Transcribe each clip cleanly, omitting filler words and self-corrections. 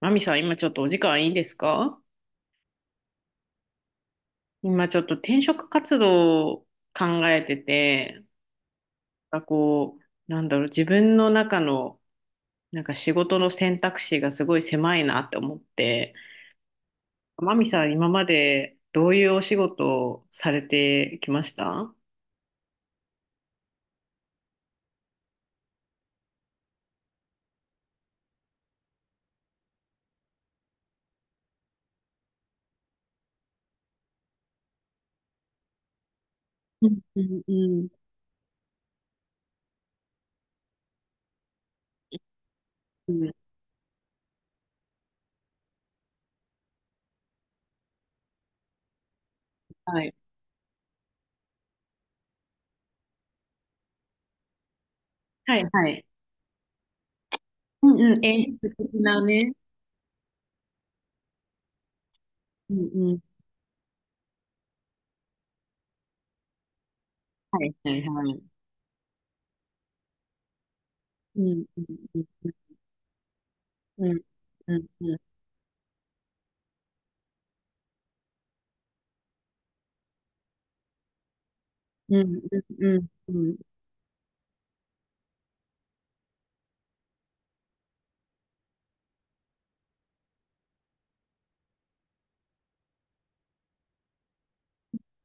マミさん、今ちょっとお時間いいですか？今ちょっと転職活動を考えてて、自分の中の仕事の選択肢がすごい狭いなって思って、マミさん、今までどういうお仕事をされてきました？うんうんうんうん。はい。はいはい。うんうん。演出的なね。うんうん。はいはいはい。うんうんうんうんうんうんうんうんうんうんうん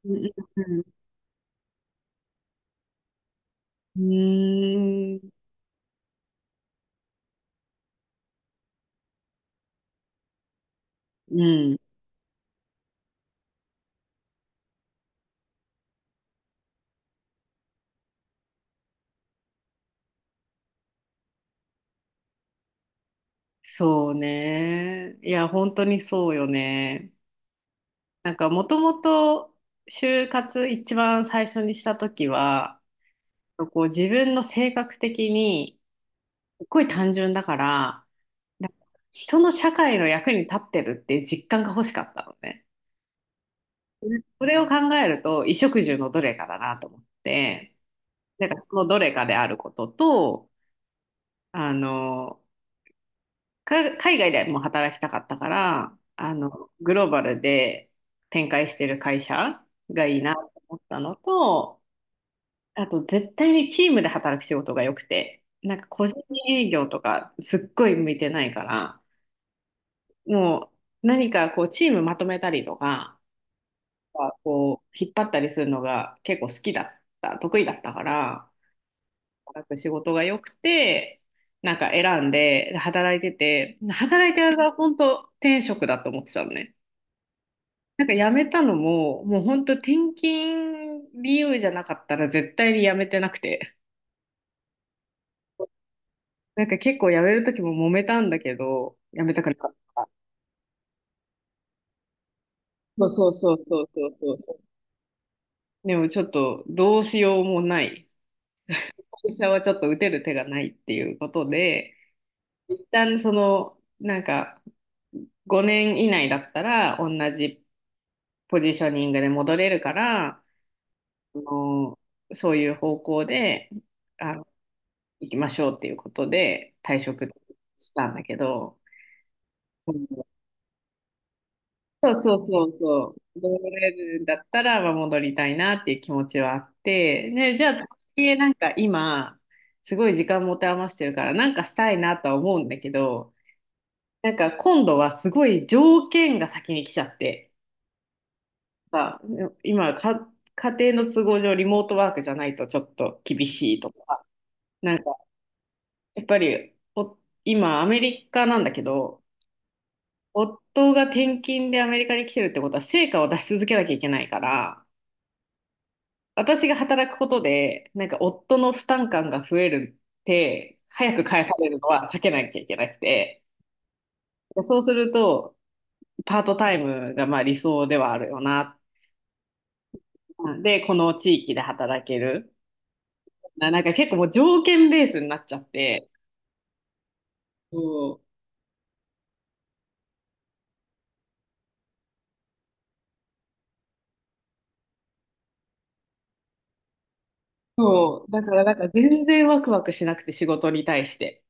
うんうんうんうん、うん。そうね。いや、本当にそうよね。もともと就活一番最初にした時は、こう自分の性格的にすっごい単純だから、なんか人の社会の役に立ってるっていう実感が欲しかったのね。それを考えると、衣食住のどれかだなと思って、そのどれかであることと、あの、海外でも働きたかったから、あの、グローバルで展開してる会社がいいなと思ったのと、あと絶対にチームで働く仕事が良くて、個人営業とかすっごい向いてないから、もう何かこうチームまとめたりとか、こう引っ張ったりするのが結構好きだった、得意だったから、働く仕事が良くて、なんか選んで、で働いてて、働いてる間は本当天職だと思ってたのね。なんか辞めたのも、もう本当転勤理由じゃなかったら絶対に辞めてなくて。なんか結構辞める時も揉めたんだけど、辞めたくなかった。そうそうそうそうそうそうそう。でもちょっとどうしようもない。会社はちょっと打てる手がないっていうことで、一旦、5年以内だったら同じポジショニングで戻れるから、あのそういう方向で、あの、行きましょうっていうことで退職したんだけど、うん。そうそうそうそう、戻れるんだったら、まあ、戻りたいなっていう気持ちはあって、で、じゃあ、えなんか今、すごい時間持て余してるから、なんかしたいなとは思うんだけど、なんか今度はすごい条件が先に来ちゃって。さ、今か、家庭の都合上リモートワークじゃないとちょっと厳しいとか、なんか、やっぱり、お、今、アメリカなんだけど、夫が転勤でアメリカに来てるってことは、成果を出し続けなきゃいけないから、私が働くことで、なんか、夫の負担感が増えるって、早く返されるのは避けなきゃいけなくて、そうすると、パートタイムがまあ理想ではあるよな。で、この地域で働ける。なんか結構もう条件ベースになっちゃって、そう。そう、だからなんか全然ワクワクしなくて仕事に対して。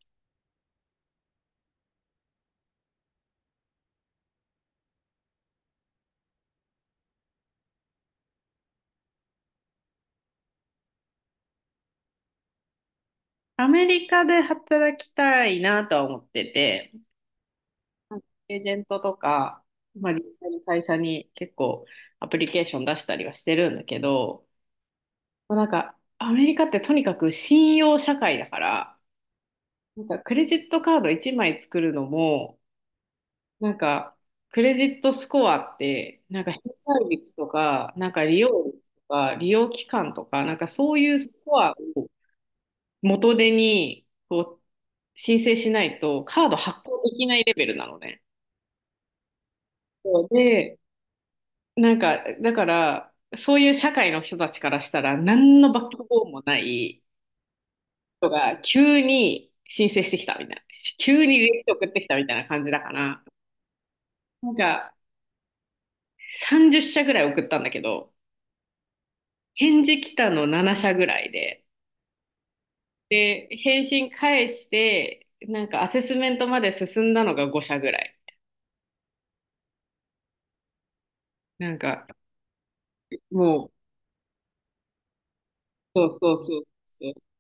アメリカで働きたいなとは思ってて、なんかエージェントとか、まあ、実際に会社に結構アプリケーション出したりはしてるんだけど、もうなんかアメリカってとにかく信用社会だから、なんかクレジットカード1枚作るのも、なんか、クレジットスコアって、なんか返済率とか、なんか利用率とか、利用期間とか、なんかそういうスコアを元手にこう申請しないと、カード発行できないレベルなのね。で、だから、そういう社会の人たちからしたら、何のバックボーンもない人が急に申請してきたみたいな、急に履歴書送ってきたみたいな感じだから、なんか30社ぐらい送ったんだけど、返事来たの7社ぐらいで、で、返信返して、なんかアセスメントまで進んだのが5社ぐらい。なんか、もう、そうそうそうそう。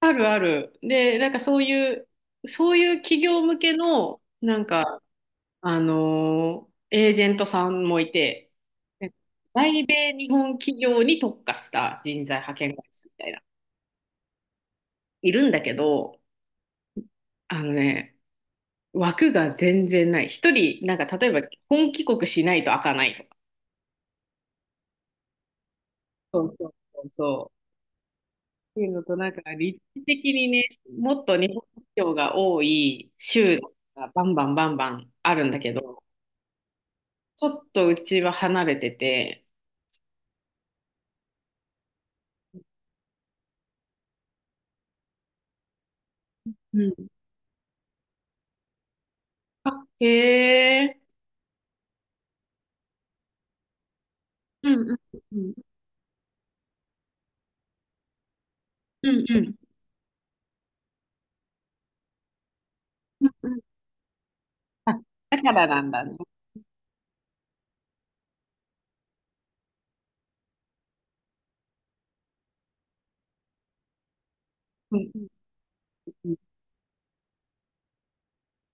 あるある。で、なんかそういう、そういう企業向けの、なんか、あのーエージェントさんもいて、で在米日本企業に特化した人材派遣会社みたいな、いるんだけど、あのね、枠が全然ない。一人、なんか例えば本帰国しないと開かないとか。そうそうそうそう。っていうのと、なんか立地的にね、もっと日本人が多い州がバンバンバンバンあるんだけど、ちょっとうちは離れてて、うん。あ、へえ。うんうんうん。うんうん。うんうん。あ、だからなんだね。うんうんうん。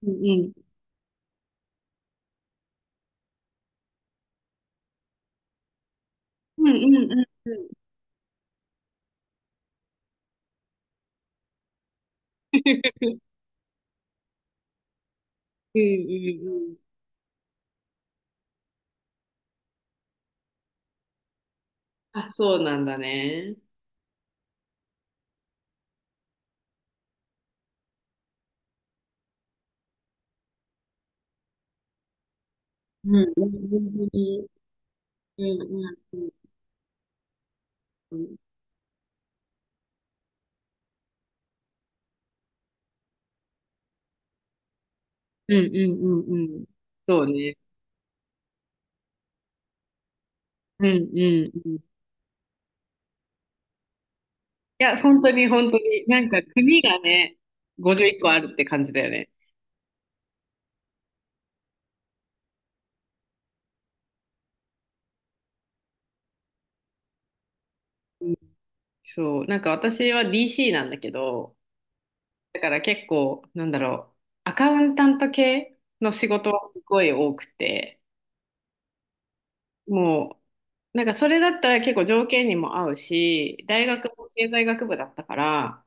うんうん。うんうんうん うん。うんうんうん。あ、そうなんだね。うん、うん、本当に。うん、うん、うん。うん、うん、うん、うん。そうね。うん、うん、うん。いや、本当に、本当に。なんか、国がね、51個あるって感じだよね。うん、そう。なんか、私は DC なんだけど、だから結構、なんだろう、アカウンタント系の仕事はすごい多くて、もう、なんかそれだったら結構条件にも合うし、大学も経済学部だったから、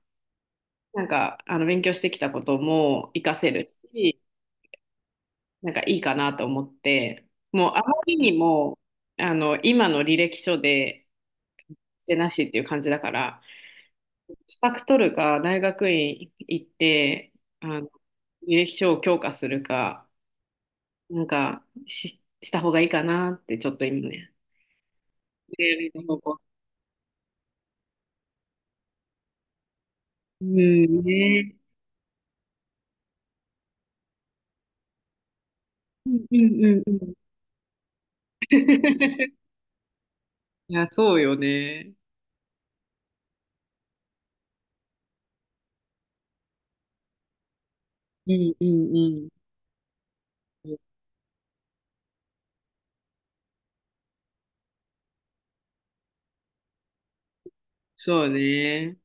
あの、勉強してきたことも活かせるし、なんかいいかなと思って、もうあまりにも、あの、今の履歴書で、してなしっていう感じだから、資格取るか、大学院行って、あの、履歴書を強化するか、した方がいいかなって、ちょっと今ね。でうんね。うんうんうんうん。いや、そうよね。うんうんうん。そうね。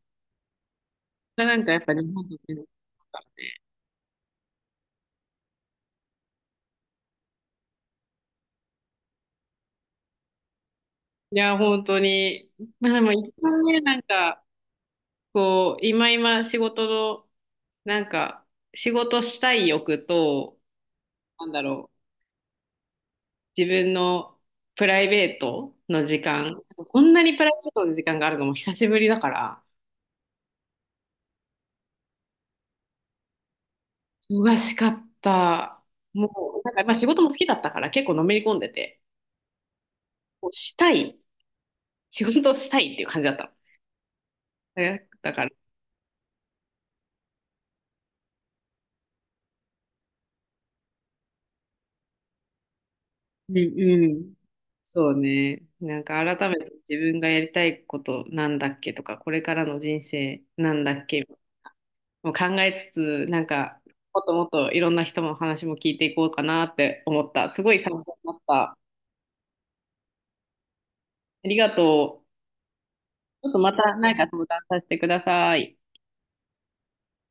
がなんかやっぱ日本と全然違うからね。いや、本当に。まあでも一旦ね、なんか、こう、今仕事の、なんか、仕事したい欲と、なんだろう、自分のプライベートの時間、こんなにプライベートの時間があるのも久しぶりだから、忙しかった。もう、なんか、まあ仕事も好きだったから結構のめり込んでて、こうしたい、仕事したいっていう感じだったの。だからうんうん。そうね。なんか改めて自分がやりたいことなんだっけとか、これからの人生なんだっけもう考えつつ、なんかもっともっといろんな人の話も聞いていこうかなって思った。すごい参考になった。ありがとう。ちょっとまた何か相談させてください。